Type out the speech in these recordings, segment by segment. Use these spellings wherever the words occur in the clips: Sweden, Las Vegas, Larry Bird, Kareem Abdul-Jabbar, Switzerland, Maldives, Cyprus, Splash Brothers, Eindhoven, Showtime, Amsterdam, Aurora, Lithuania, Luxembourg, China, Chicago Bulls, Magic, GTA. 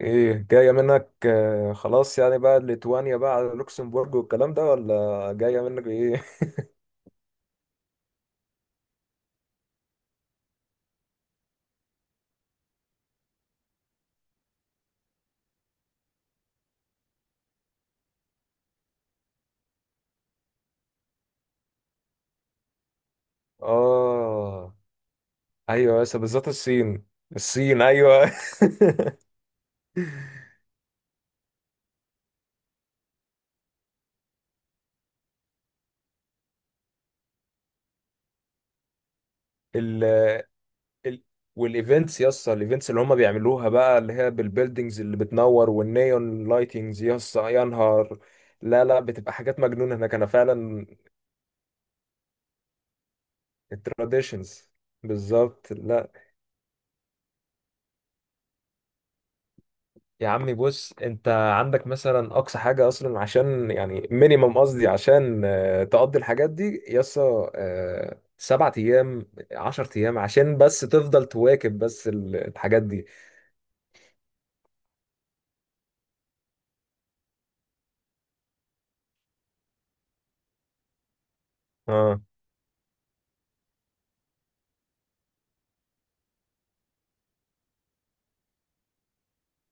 ايه جاية منك خلاص يعني بقى ليتوانيا بقى على لوكسمبورج والكلام ده ولا جاية منك ايه؟ اه، ايوه بس بالذات الصين. الصين ايوه. ال ال والايفنتس يسطا، الايفنتس اللي هم بيعملوها بقى، اللي هي بالبيلدينجز اللي بتنور والنيون لايتنجز، يسطا يا نهار. لا لا، بتبقى حاجات مجنونة هناك، انا فعلا. التراديشنز بالظبط. لا يا عمي، بص، انت عندك مثلا اقصى حاجه، اصلا عشان يعني مينيمم، قصدي عشان تقضي الحاجات دي يسا، سبعة ايام عشر ايام عشان بس تفضل تواكب بس الحاجات دي. اه،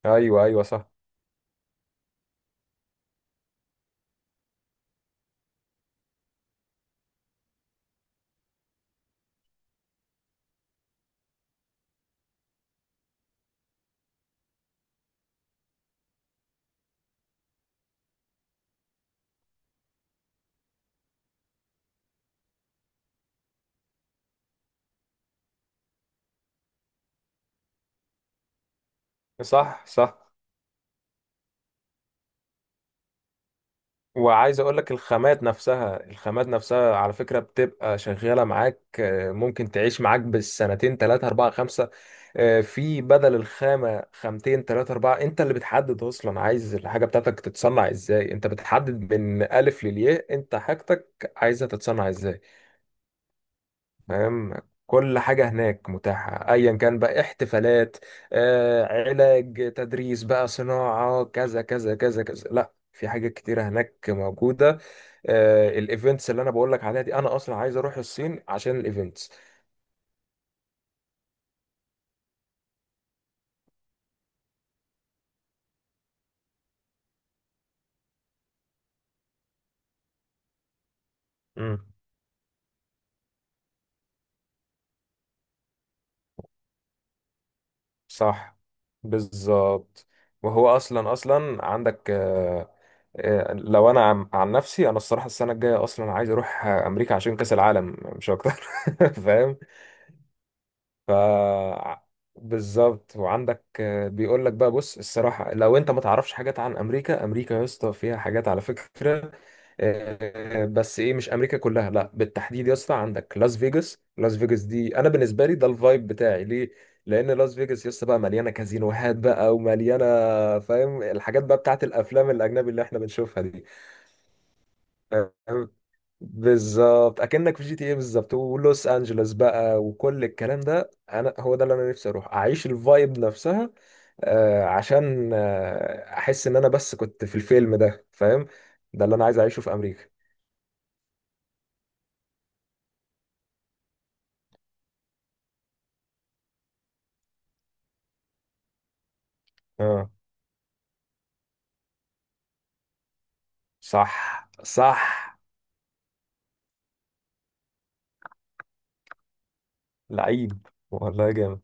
ايوه ايوه، صح. صح صح. وعايز اقول لك، الخامات نفسها، الخامات نفسها على فكرة بتبقى شغالة معاك، ممكن تعيش معاك بالسنتين ثلاثة أربعة خمسة. في بدل الخامة، خامتين ثلاثة أربعة، أنت اللي بتحدد. أصلا عايز الحاجة بتاعتك تتصنع إزاي، أنت بتحدد من ألف للياء. أنت حاجتك عايزها تتصنع إزاي؟ فاهم. كل حاجة هناك متاحة، أيا كان بقى، احتفالات، علاج، تدريس بقى، صناعة، كذا كذا كذا كذا. لا، في حاجات كتيرة هناك موجودة. الايفنتس اللي أنا بقولك عليها دي، أنا أصلا عايز أروح الصين عشان الايفنتس. امم، صح بالظبط. وهو أصلا، أصلا عندك لو أنا عن نفسي، أنا الصراحة السنة الجاية أصلا عايز أروح أمريكا عشان كأس العالم، مش أكتر. فاهم. ف بالظبط، وعندك بيقول لك بقى، بص الصراحه، لو انت ما تعرفش حاجات عن امريكا، امريكا يا اسطى فيها حاجات على فكره. بس ايه، مش امريكا كلها لا، بالتحديد يا اسطى عندك لاس فيجاس. لاس فيجاس دي انا بالنسبه لي ده الفايب بتاعي، ليه؟ لان لاس فيجاس يا اسطى بقى مليانه كازينوهات بقى ومليانه. فاهم، الحاجات بقى بتاعت الافلام الاجنبي اللي احنا بنشوفها دي. فاهم؟ بالظبط، اكنك في جي تي ايه بالظبط، ولوس انجلوس بقى وكل الكلام ده، انا هو ده اللي انا نفسي اروح اعيش الفايب نفسها. آه، عشان احس ان انا بس كنت في الفيلم ده، فاهم. ده اللي انا عايز اعيشه في امريكا. اه صح صح، لعيب والله، جامد.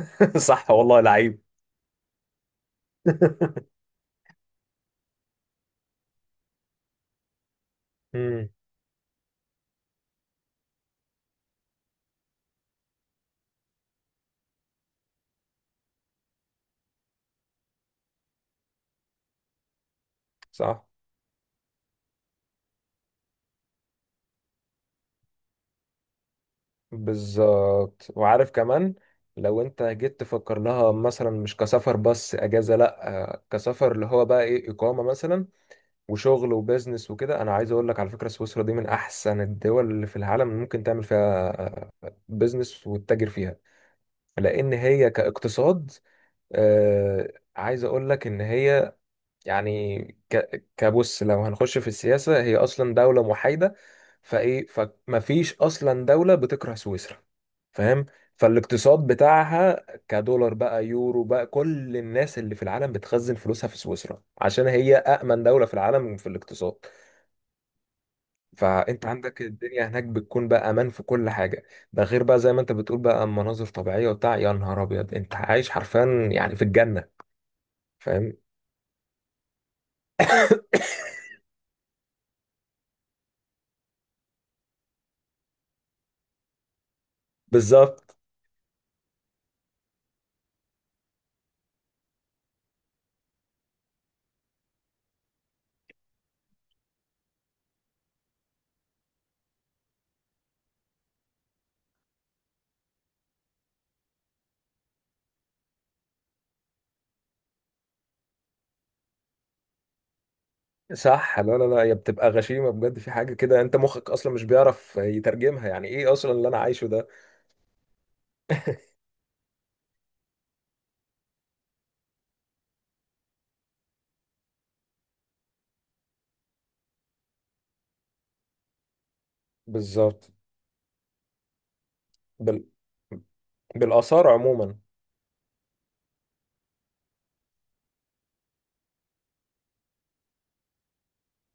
صح والله لعيب. مم، صح بالظبط. وعارف كمان، لو انت جيت تفكر لها مثلا مش كسفر بس، اجازه لا، كسفر اللي هو بقى ايه، اقامه مثلا، وشغل وبزنس وكده، انا عايز اقول لك على فكره، سويسرا دي من احسن الدول اللي في العالم اللي ممكن تعمل فيها بزنس وتتاجر فيها. لان هي كاقتصاد، عايز اقول لك ان هي يعني، كبص، لو هنخش في السياسة، هي أصلا دولة محايدة. فإيه، فمفيش أصلا دولة بتكره سويسرا، فاهم. فالاقتصاد بتاعها كدولار بقى، يورو بقى، كل الناس اللي في العالم بتخزن فلوسها في سويسرا، عشان هي أأمن دولة في العالم في الاقتصاد. فأنت عندك الدنيا هناك بتكون بقى أمان في كل حاجة. ده غير بقى، زي ما أنت بتقول بقى، مناظر طبيعية وبتاع، يا نهار أبيض، أنت عايش حرفيا يعني في الجنة، فاهم. بالظبط، صح. لا لا لا، هي بتبقى غشيمة بجد، في حاجة كده انت مخك اصلا مش بيعرف يترجمها، يعني ايه اصلا اللي انا عايشه ده. بالظبط. بال... بالاثار عموما.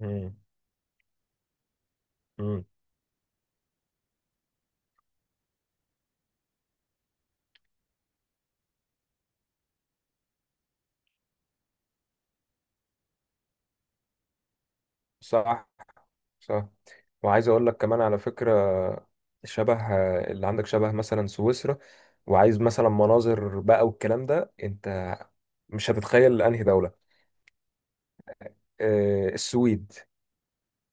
مم. مم. صح صح. وعايز اقول لك كمان على فكرة، شبه اللي عندك شبه مثلا سويسرا، وعايز مثلا مناظر بقى والكلام ده، انت مش هتتخيل انهي دولة. السويد.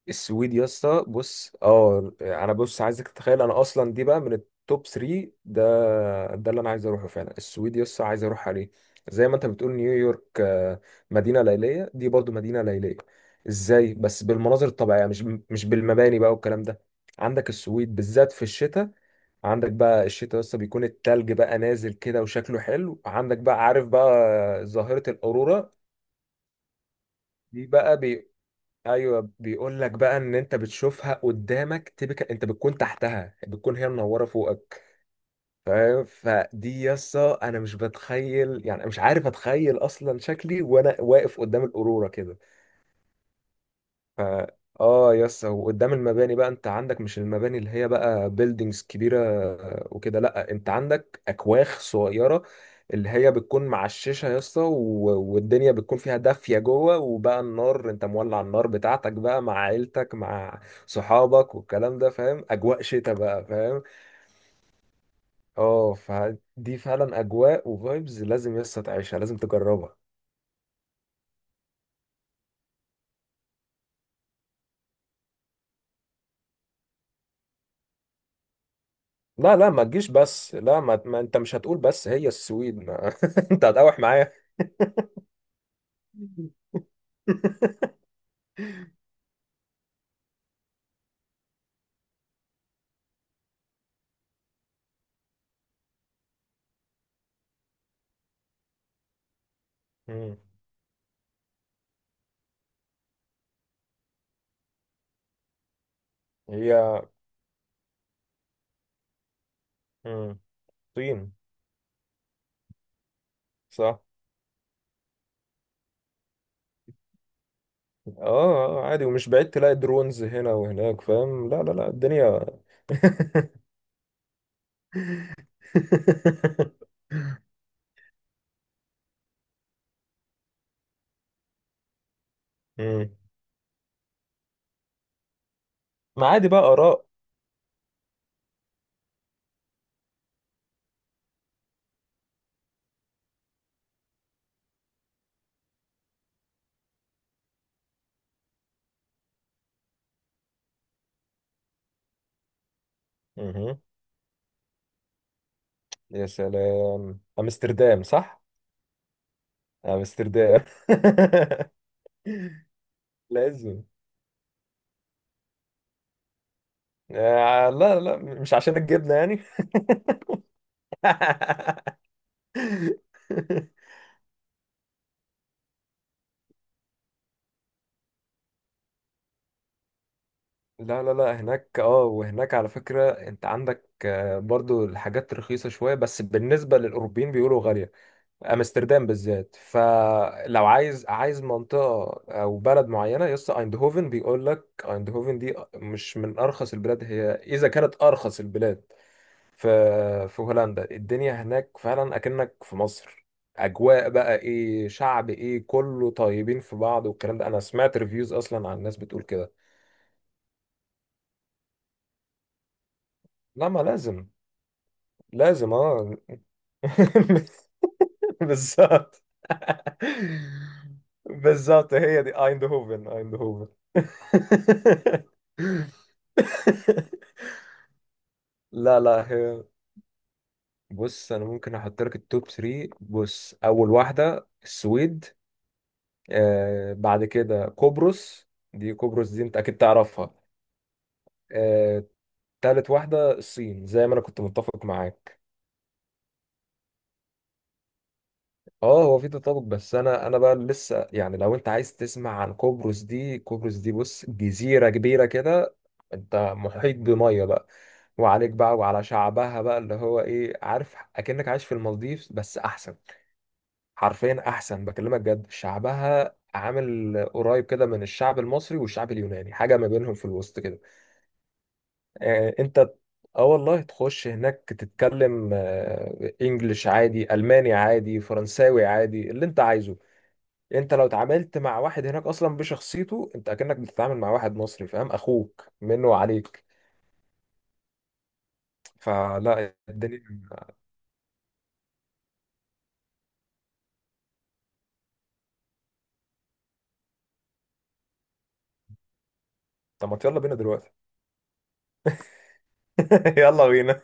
السويد يا اسطى بص، اه انا بص، عايزك تتخيل، انا اصلا دي بقى من التوب 3 ده. ده اللي انا عايز اروحه فعلا، السويد يا اسطى عايز اروح عليه. زي ما انت بتقول نيويورك، مدينه ليليه، دي برضو مدينه ليليه. ازاي بس؟ بالمناظر الطبيعيه، مش بالمباني بقى والكلام ده. عندك السويد بالذات في الشتاء، عندك بقى الشتاء يا اسطى بيكون التلج بقى نازل كده وشكله حلو، عندك بقى عارف بقى ظاهره الاورورا دي بقى. ايوه بيقول لك بقى، ان انت بتشوفها قدامك، تبقى انت بتكون تحتها، بتكون هي منوره فوقك، فاهم. فدي يسا انا مش بتخيل يعني، أنا مش عارف اتخيل اصلا شكلي وانا واقف قدام القروره كده. ف اه يس، وقدام المباني بقى، انت عندك مش المباني اللي هي بقى بيلدينجز كبيره وكده لا، انت عندك اكواخ صغيره، اللي هي بتكون معششه يا اسطى، والدنيا بتكون فيها دافيه جوه، وبقى النار انت مولع النار بتاعتك بقى مع عيلتك، مع صحابك، والكلام ده، فاهم، اجواء شتاء بقى، فاهم. اه، فدي فعلا اجواء وفايبز لازم يا اسطى تعيشها، لازم تجربها. لا لا، ما تجيش بس، لا ما انت مش هتقول بس هي السويد ما. انت هتقاوح معايا. مم. هي. مم. طين. صح. اه، عادي، ومش بعيد تلاقي درونز هنا وهناك، فاهم، لا لا لا الدنيا. مم. ما عادي بقى، آراء. مهم. يا سلام أمستردام، صح. أمستردام. لازم. آه لا لا، مش عشان الجبنة يعني. لا لا لا، هناك اه. وهناك على فكرة انت عندك برضو الحاجات رخيصة شوية، بس بالنسبة للأوروبيين بيقولوا غالية. امستردام بالذات، فلو عايز، عايز منطقة او بلد معينة، يس ايندهوفن. بيقول لك ايندهوفن دي مش من ارخص البلاد، هي اذا كانت ارخص البلاد في في هولندا. الدنيا هناك فعلا اكنك في مصر. اجواء بقى ايه، شعب ايه، كله طيبين في بعض والكلام ده، انا سمعت ريفيوز اصلا عن الناس بتقول كده. لا ما لازم. لازم اه. بالظبط بالظبط، هي دي ايندهوفن، ايندهوفن. لا لا، هي. بص انا ممكن احط لك التوب 3، بص، اول واحده السويد. آه بعد كده قبرص. دي قبرص دي انت اكيد تعرفها. آه، تالت واحده الصين، زي ما انا كنت متفق معاك. اه هو في تطابق، بس انا انا بقى لسه يعني، لو انت عايز تسمع عن قبرص دي، قبرص دي بص جزيرة كبيرة كده، انت محيط بمية بقى، وعليك بقى وعلى شعبها بقى اللي هو ايه، عارف، اكنك عايش في المالديف بس احسن. حرفيا احسن، بكلمك جد. شعبها عامل قريب كده من الشعب المصري والشعب اليوناني، حاجة ما بينهم في الوسط كده. انت اه والله تخش هناك، تتكلم انجلش عادي، الماني عادي، فرنساوي عادي، اللي انت عايزه. انت لو اتعاملت مع واحد هناك اصلا بشخصيته، انت اكنك بتتعامل مع واحد مصري، فاهم، اخوك منه وعليك. فلا الدنيا. طب ما يلا بينا دلوقتي. يلا بينا.